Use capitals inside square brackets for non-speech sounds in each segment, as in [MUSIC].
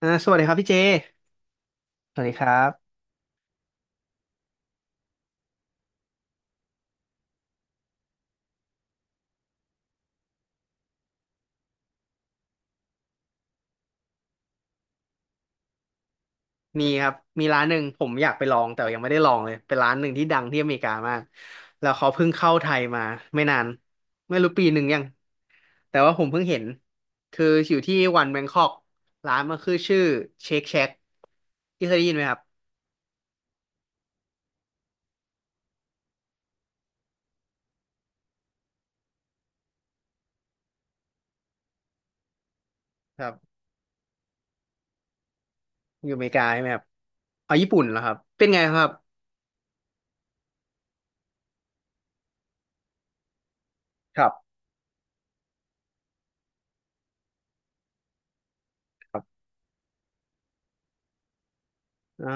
สวัสดีครับพี่เจสวัสดีครับมีครับมีร้านหนึ่งผมอยากไปลองแต่ยังไม่ได้ลองเลยเป็นร้านหนึ่งที่ดังที่อเมริกามากแล้วเขาเพิ่งเข้าไทยมาไม่นานไม่รู้ปีหนึ่งยังแต่ว่าผมเพิ่งเห็นคืออยู่ที่วันแบงคอกร้านมันคือชื่อเชคแช a กที่เคยได้ยินไหมครับครับอยู่อเมริกาใช่ไหมครับเอาญี่ปุ่นเหรอครับเป็นไงครับครับครับอ่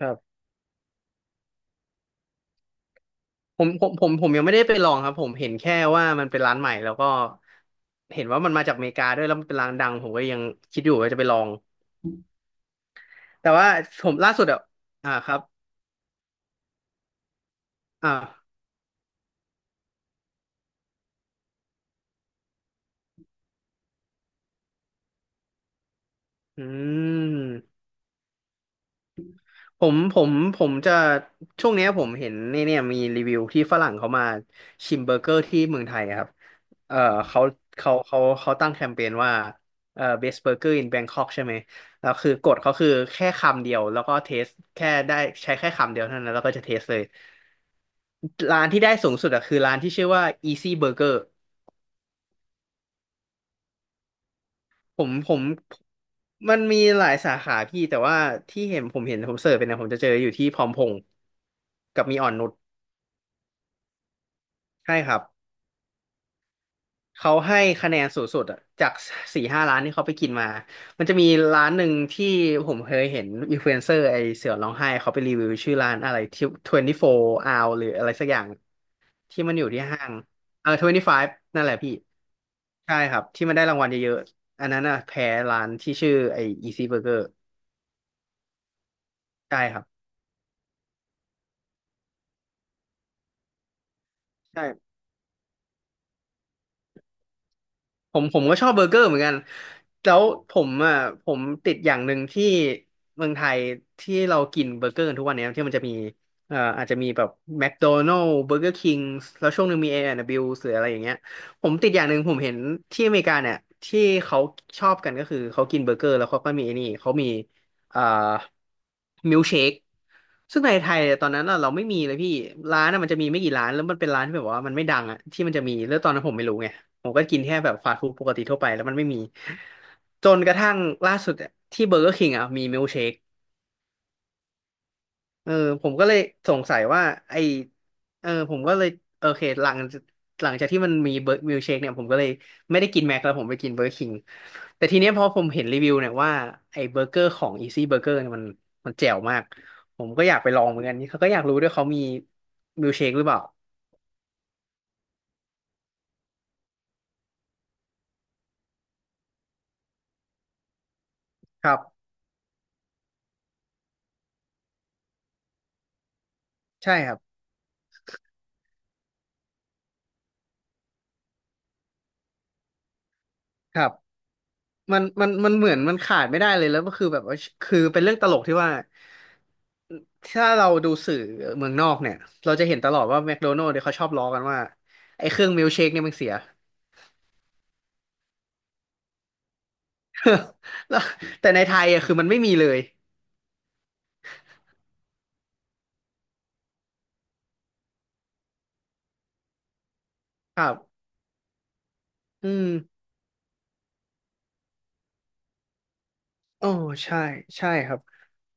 า ผมยังไม่ได้ไปลองครับผมเห็นแค่ว่ามันเป็นร้านใหม่แล้วก็เห็นว่ามันมาจากอเมริกาด้วยแล้วมันเป็นร้านดังผมก็ยังคิดอยู่ว่าจะไปลองแต่ว่าผมล่าสุดอ่ะอ่าครับอ่าอืม ผมจะช่วงเนี้ยผมเห็นเนี่ยเนี่ยมีรีวิวที่ฝรั่งเขามาชิมเบอร์เกอร์ที่เมืองไทยครับเออเขาเขาตั้งแคมเปญว่าเออ best burger in Bangkok ใช่ไหมแล้วคือกฎเขาคือแค่คำเดียวแล้วก็เทสแค่ได้ใช้แค่คำเดียวเท่านั้นแล้วก็จะเทสเลย ร้านที่ได้สูงสุดอะคือร้านที่ชื่อว่า Easy Burger ผมมันมีหลายสาขาพี่แต่ว่าที่เห็นผมเสิร์ชไปเนะผมจะเจออยู่ที่พร้อมพงษ์กับมีอ่อนนุช ใช่ครับ เขาให้คะแนนสูงสุดอะจากสี่ห้าร้านที่เขาไปกินมา มันจะมีร้านหนึ่งที่ผมเคยเห็นอินฟลูเอนเซอร์ไอเสือร้องไห้เขาไปรีวิวชื่อร้านอะไรที่24 hour หรืออะไรสักอย่างที่มันอยู่ที่ห้างเออ25นั่นแหละพี่ใช่ครับที่มันได้รางวัลเยอะๆอันนั้นอะแพ้ร้านที่ชื่อไอ Easy Burger ใช่ครับใช่ ผมก็ชอบเบอร์เกอร์เหมือนกันแล้วผมอ่ะผมติดอย่างหนึ่งที่เมืองไทยที่เรากินเบอร์เกอร์กันทุกวันเนี้ยที่มันจะมีอาจจะมีแบบแมคโดนัล s ์เบอร์เกอร์คิงแล้วช่วงหนึ่งมีเอแอนด์ดับเบิลยูหรืออะไรอย่างเงี้ยผมติดอย่างหนึ่งผมเห็นที่อเมริกาเนี่ยที่เขาชอบกันก็คือเขากินเบอร์เกอร์แล้วเขาก็มีไอ้นี่เขามีเอ่อมิลเชคซึ่งในไทยตอนนั้นน่ะเราไม่มีเลยพี่ร้านน่ะมันจะมีไม่กี่ร้านแล้วมันเป็นร้านที่แบบว่ามันไม่ดังอ่ะที่มันจะมีแล้วตอนนั้นผมไม่รู้ไง ผมก็กินแค่แบบฟาสต์ฟู้ดปกติทั่วไปแล้วมันไม่มีจนกระทั่งล่าสุดอะที่เบอร์เกอร์คิงอ่ะมีมิลเชคเออผมก็เลยสงสัยว่าไอเออผมก็เลยโอเคหลังจากที่มันมีเบอร์มิลเชคเนี่ยผมก็เลยไม่ได้กินแม็กแล้วผมไปกินเบอร์คิงแต่ทีเนี้ยพอผมเห็นรีวิวเนี่ยว่าไอเบอร์เกอร์ของอีซี่เบอร์เกอร์นี่ยมันมันแจ๋วมากผมก็อยากไปลองเหมือนกันเขาก็อยากรู้ด้วยเขามีมิลเชคหรือเปล่าครับใช่ครับครับ มันเหมือนมันขาดไม่ได้เลยแล้วก็คือแบบว่าคือเป็นเรื่องตลกที่ว่าถ้าเราดูสื่อเมืองนอกเนี่ยเราจะเห็นตลอดว่าแมคโดนัลด์เนี่ยเขาชอบล้อกันว่าไอ้เครื่องมิลค์เชคเนี่ยมันเสีย [LAUGHS] แล้วแต่ในไทยอ่ะคือมันไม่มีเลยครับอืมโอ้ใช่ใช่ครับ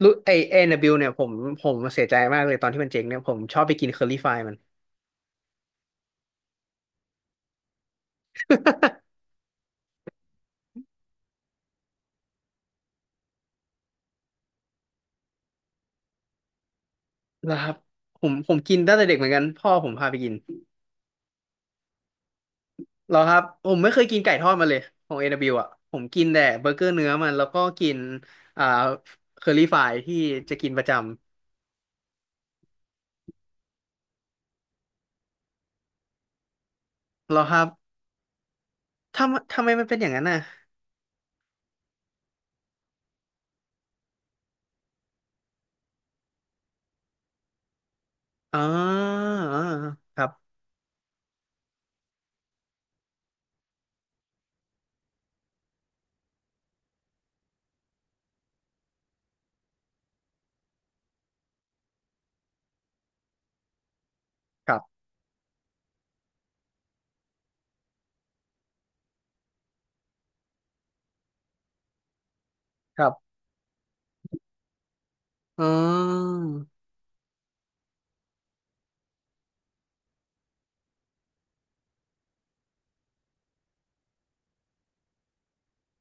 รู้ไอเอนนบิลเนี่ยผมผมเสียใจมากเลยตอนที่มันเจ๊งเนี่ยผมชอบไปกินเคอรี่ฟมันนะครับผมกินตั้งแต่เด็กเหมือนกันพ่อผมพาไปกิน เหรอครับผมไม่เคยกินไก่ทอดมาเลยของ A&W อดับเบิลยูอ่ะผมกินแต่เบอร์เกอร์เนื้อมันแล้วก็กินอ่าเคอรี่ฟรายที่จะกินประจำเหรอครับทำไมมันเป็นอย่างนั้นน่ะอ๋ออ๋อครับครับครับอ๋อ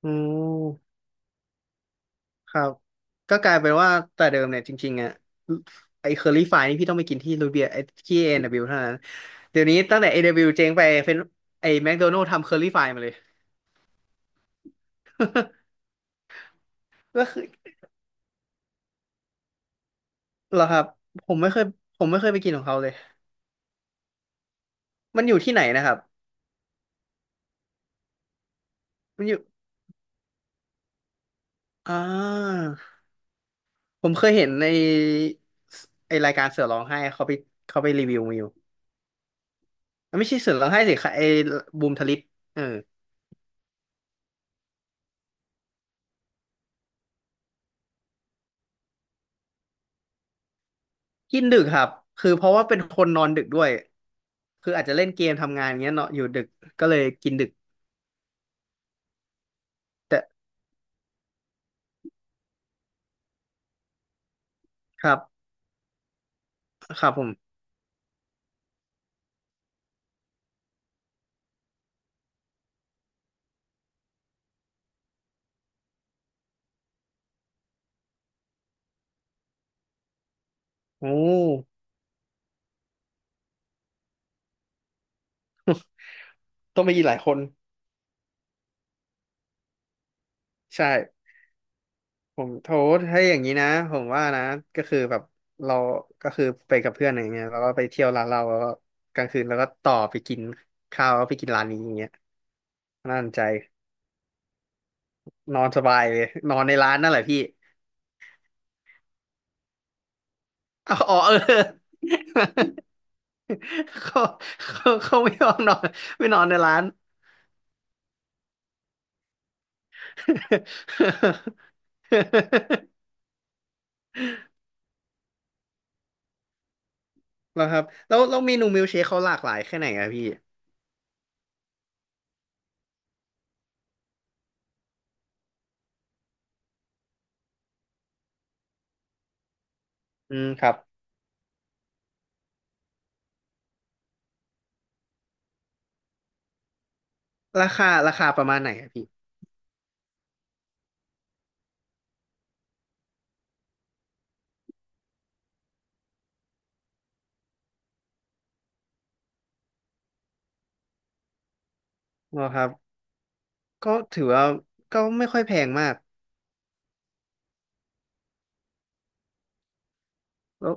อืมครับก็กลายเป็นว่าแต่เดิมเนี่ยจริงๆอ่ะไอ้เคอรี่ฟรายนี่พี่ต้องไปกินที่รูเบียไอ้ที่ A&W เบิลยูเท่านั้นเดี๋ยวนี้ตั้งแต่ A&W เบิลยูเจ๊งไปเป็นไอ้แมคโดนัลด์ทำเคอรี่ฟรายมาเลย [LAUGHS] ก็คือ เหรอครับผมไม่เคยผมไม่เคยไปกินของเขาเลยมันอยู่ที่ไหนนะครับมันอยู่อ่าผมเคยเห็นในไอรายการเสือร้องไห้เขาไปรีวิวมาอยู่อ่ะไม่ใช่เสือร้องไห้สิค่ะไอบูมทลิปเออกินดึกครับคือเพราะว่าเป็นคนนอนดึกด้วยคืออาจจะเล่นเกมทำงานอย่างเงี้ยเนาะอยู่ดึกก็เลยกินดึกแต่ครับครับผมโอ้ต้องไปกินหลายคนใช่ ผมโทษให้อย่างนี้นะผมว่านะก็คือแบบเราก็คือไปกับเพื่อนอยไรเงี้ยแล้วก็ไปเที่ยวร้านเราแล้วก็กลางคืนแล้วก็ต่อไปกินข้าวแล้วไปกินร้านนี้อย่างเงี้ยน่าสนใจนอนสบายเลยนอนในร้านนั่นแหละพี่เอาอ๋อเออ [LAUGHS] เขาเขาไม่ยอมนอนไม่นอนในร้าน [LAUGHS] แล้วครับแล้วเมนูมิลเชคเขาหลากหลายแค่ไหนอะพี่อืมครับราคาประมาณไหนอะพี่อ๋อครับ ก็ถือว่าก็ไม่ค่อยแพงมากแล้ว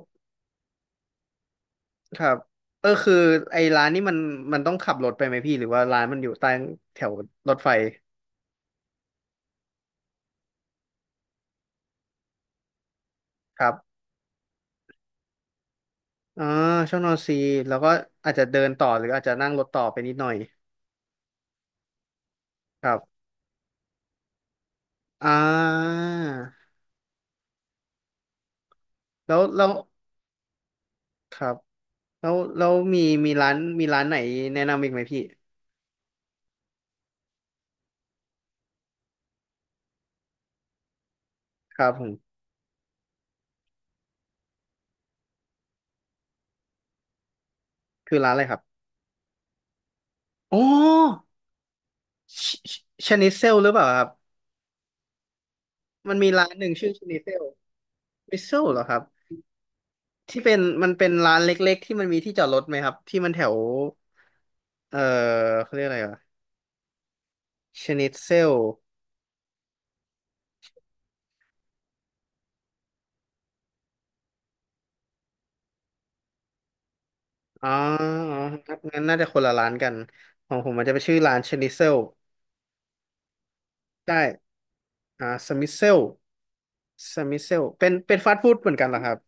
ครับเออคือไอ้ร้านนี้มันต้องขับรถไปไหมพี่หรือว่าร้านมันอยู่ใต้แถวรถไฟครับอ่าช่องนอนซีแล้วก็อาจจะเดินต่อหรืออาจจะนั่งรถต่อไปนิดหน่อยครับอ่าแล้วครับแล้วมีมีร้านไหนแนะนำอีกไหมพี่ครับผมคือร้านอะไรครับอ๋อชชชนิเซลหรือเปล่าครับมันมีร้านหนึ่งชื่อชนิเซลมิเซลเหรอครับ ที่เป็นมันเป็นร้านเล็กๆที่มันมีที่จอดรถไหมครับที่มันแถวเออเขาเรียกอะไรอ่ะชนิตเซลอ๋อครับงั้นน่าจะคนละร้านกันของผมมันจะไปนชื่อร้านชนิตเซลใช่อ่าสมิเซลสมิเซลเป็นฟาสต์ฟู้ดเหมือนกันเหรอครับ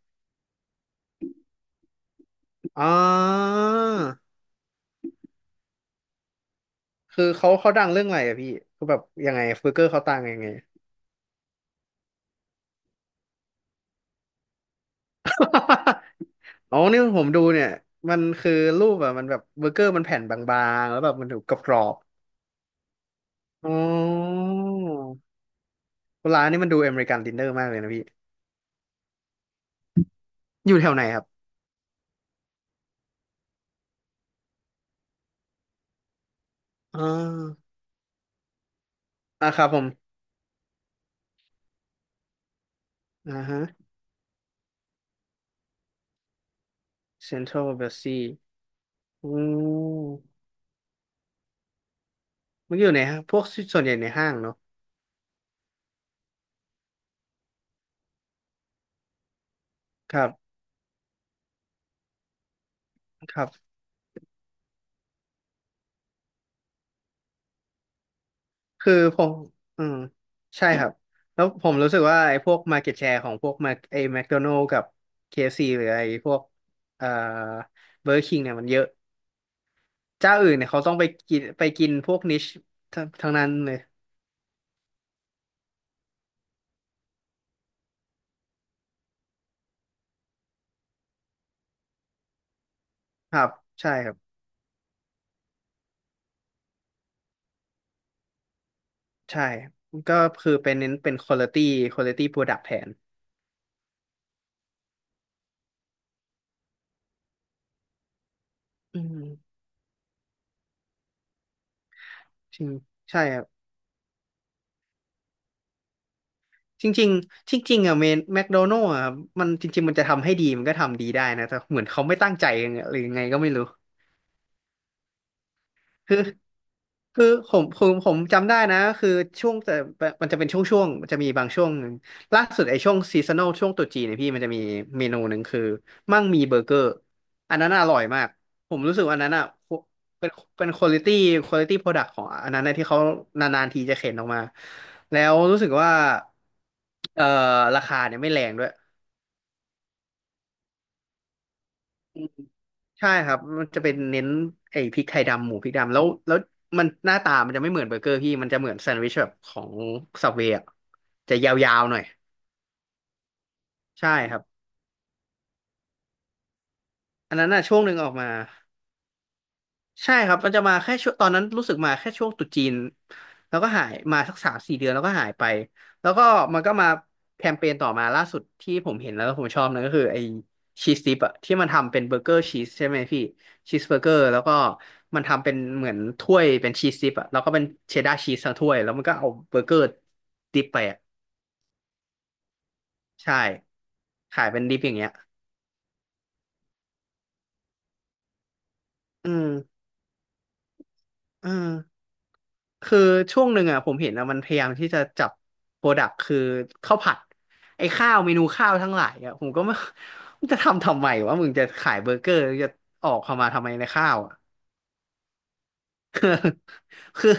อ๋อคือเขาดังเรื่องอะไรอะพี่คือแบบยังไงเบอร์เกอร์เขาต่างยังไง [LAUGHS] อ๋อนี่ผมดูเนี่ยมันคือรูปอะมันแบบเบอร์เกอร์มันแผ่นบางๆแล้วแบบมันถูกกรอบ อ๋อร้านนี้มันดูอเมริกันดินเนอร์มากเลยนะพี่อยู่แถวไหนครับอ่าอ่าครับผมอ่าฮะเซ็นทรัลเบลซีอืมมันอยู่ในห้างพวกส่วนใหญ่ในห้างเนาะครับครับคือผมอืมใช่ครับแล้วผมรู้สึกว่าไอ้พวก market share ของพวก Mac ไอ้ McDonald's กับ KFC หรือไอ้พวกเอ่อ Burger King เนี่ยมันเยอะเจ้าอื่นเนี่ยเขาต้องไปไปกินพวกนิชทั้งนั้นเลยครับใช่ครับ ใช่ก็คือเป็นเน้นเป็น quality product แทนอืมจริงใช่ครับจริงๆจริงๆอ่ะเมนแมคโดนัลด์อ่ะมันจริงๆมันจะทำให้ดีมันก็ทำดีได้นะแต่เหมือนเขาไม่ตั้งใจยังไงหรือยังไงก็ไม่รู้ คือคือผมจำได้นะคือช่วงแต่มันจะเป็นช่วงจะมีบางช่วงหนึ่งล่าสุดไอ้ช่วงซีซัน a ลช่วงตรุษจีนเนี่ยพี่มันจะมีเมนูหนึ่งคือมั่งมีเบอร์เกอร์อันนั้นอร่อยมากผมรู้สึกว่าอันนั้นอ่ะเป็นเป็นควอลิตี้ควอลิตี้โปรดักต์ของอันนั้นนะที่เขานานๆทีจะเข็นออกมาแล้วรู้สึกว่าเอ่อราคาเนี่ยไม่แรงด้วย ใช่ครับ มันจะเป็นเน้นไอ้พริกไทยดำหมูพริกดำแล้วมันหน้าตามันจะไม่เหมือนเบอร์เกอร์พี่มันจะเหมือนแซนด์วิชแบบของสับเวย์จะยาวๆหน่อยใช่ครับอันนั้นน่ะช่วงหนึ่งออกมา ใช่ครับมันจะมาแค่ช่วงตอนนั้นรู้สึกมาแค่ช่วงตรุษจีนแล้วก็หายมาสักสามสี่เดือนแล้วก็หายไปแล้วก็มันก็มาแคมเปญต่อมาล่าสุดที่ผมเห็นแล้วผมชอบนนก็คือไอ้ชีสดิปอะที่มันทำเป็นเบอร์เกอร์ชีสใช่ไหมพี่ชีสเบอร์เกอร์แล้วก็มันทำเป็นเหมือนถ้วยเป็นชีสดิปอะแล้วก็เป็นเชดดาร์ชีสทั้งถ้วยแล้วมันก็เอาเบอร์เกอร์ดิปไปอะใช่ขายเป็นดิปอย่างเงี้ยอืมอืม คือช่วงหนึ่งอ่ะผมเห็นอ่ะมันพยายามที่จะจับโปรดักต์คือข้าวผัดไอ้ข้าวเมนูข้าวทั้งหลายอ่ะผมก็ไม่ [LAUGHS] มึงจะทำทำไมวะมึงจะขายเบอร์เกอร์จะออกความาทำไมในข้าวอ่ะ [LAUGHS] คือ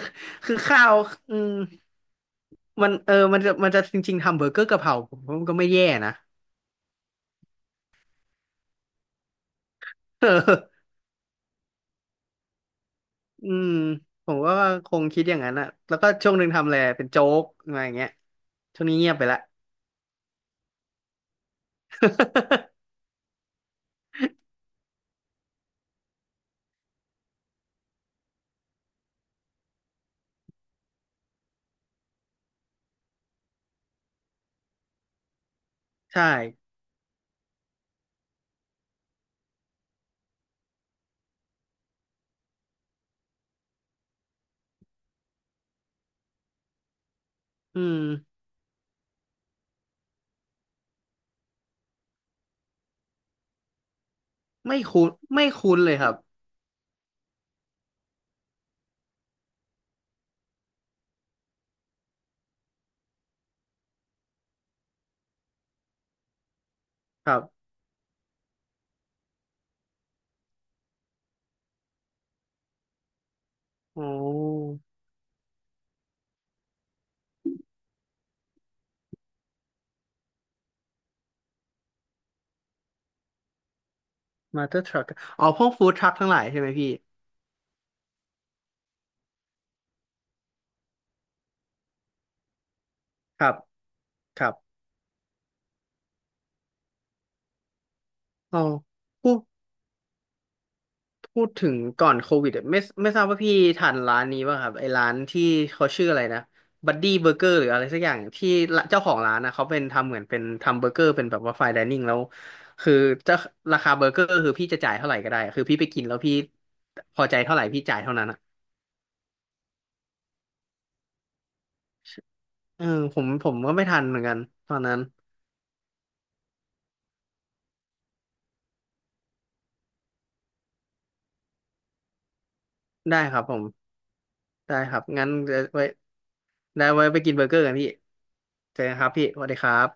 ข้าวอืมมันจริงๆทำเบอร์เกอร์กะเพราผมว่ามันก็ไม่แย่นะ [LAUGHS] เอออืมผมก็คงคิดอย่างนั้นอ่ะแล้วก็ช่วงหนึ่งทำอะไรเป็นโจ๊กอะไรอย่างเงี้ยช่วงนี้เงียบไปละ [LAUGHS] ใช่อืมไม่คุ้นไม่คุ้นเลยครับ ครับอ๋อมาเตอร์ทรัคอ๋อพวกฟู้ดทรัคทั้งหลายใช่ไหมพี่ครับครับอ๋อพูดถึงก่อนโควิดอะไม่ทราบว่าพี่ทานร้านนี้ป่ะครับไอ้ร้านที่เขาชื่ออะไรนะบัดดี้เบอร์เกอร์หรืออะไรสักอย่างที่ละเจ้าของร้านนะเขาเป็นทำเหมือนเป็นทำเบอร์เกอร์เป็นแบบว่าไฟน์ไดนิ่งแล้วคือจะราคาเบอร์เกอร์คือพี่จะจ่ายเท่าไหร่ก็ได้คือพี่ไปกินแล้วพี่พอใจเท่าไหร่พี่จ่ายเท่านั้นอะเออผมก็ไม่ทันเหมือนกันตอนนั้น ได้ครับผมได้ครับงั้นเดี๋ยวไว้ได้ไว้ไปกินเบอร์เกอร์กันพี่เจอกันครับพี่สวัสดีครับ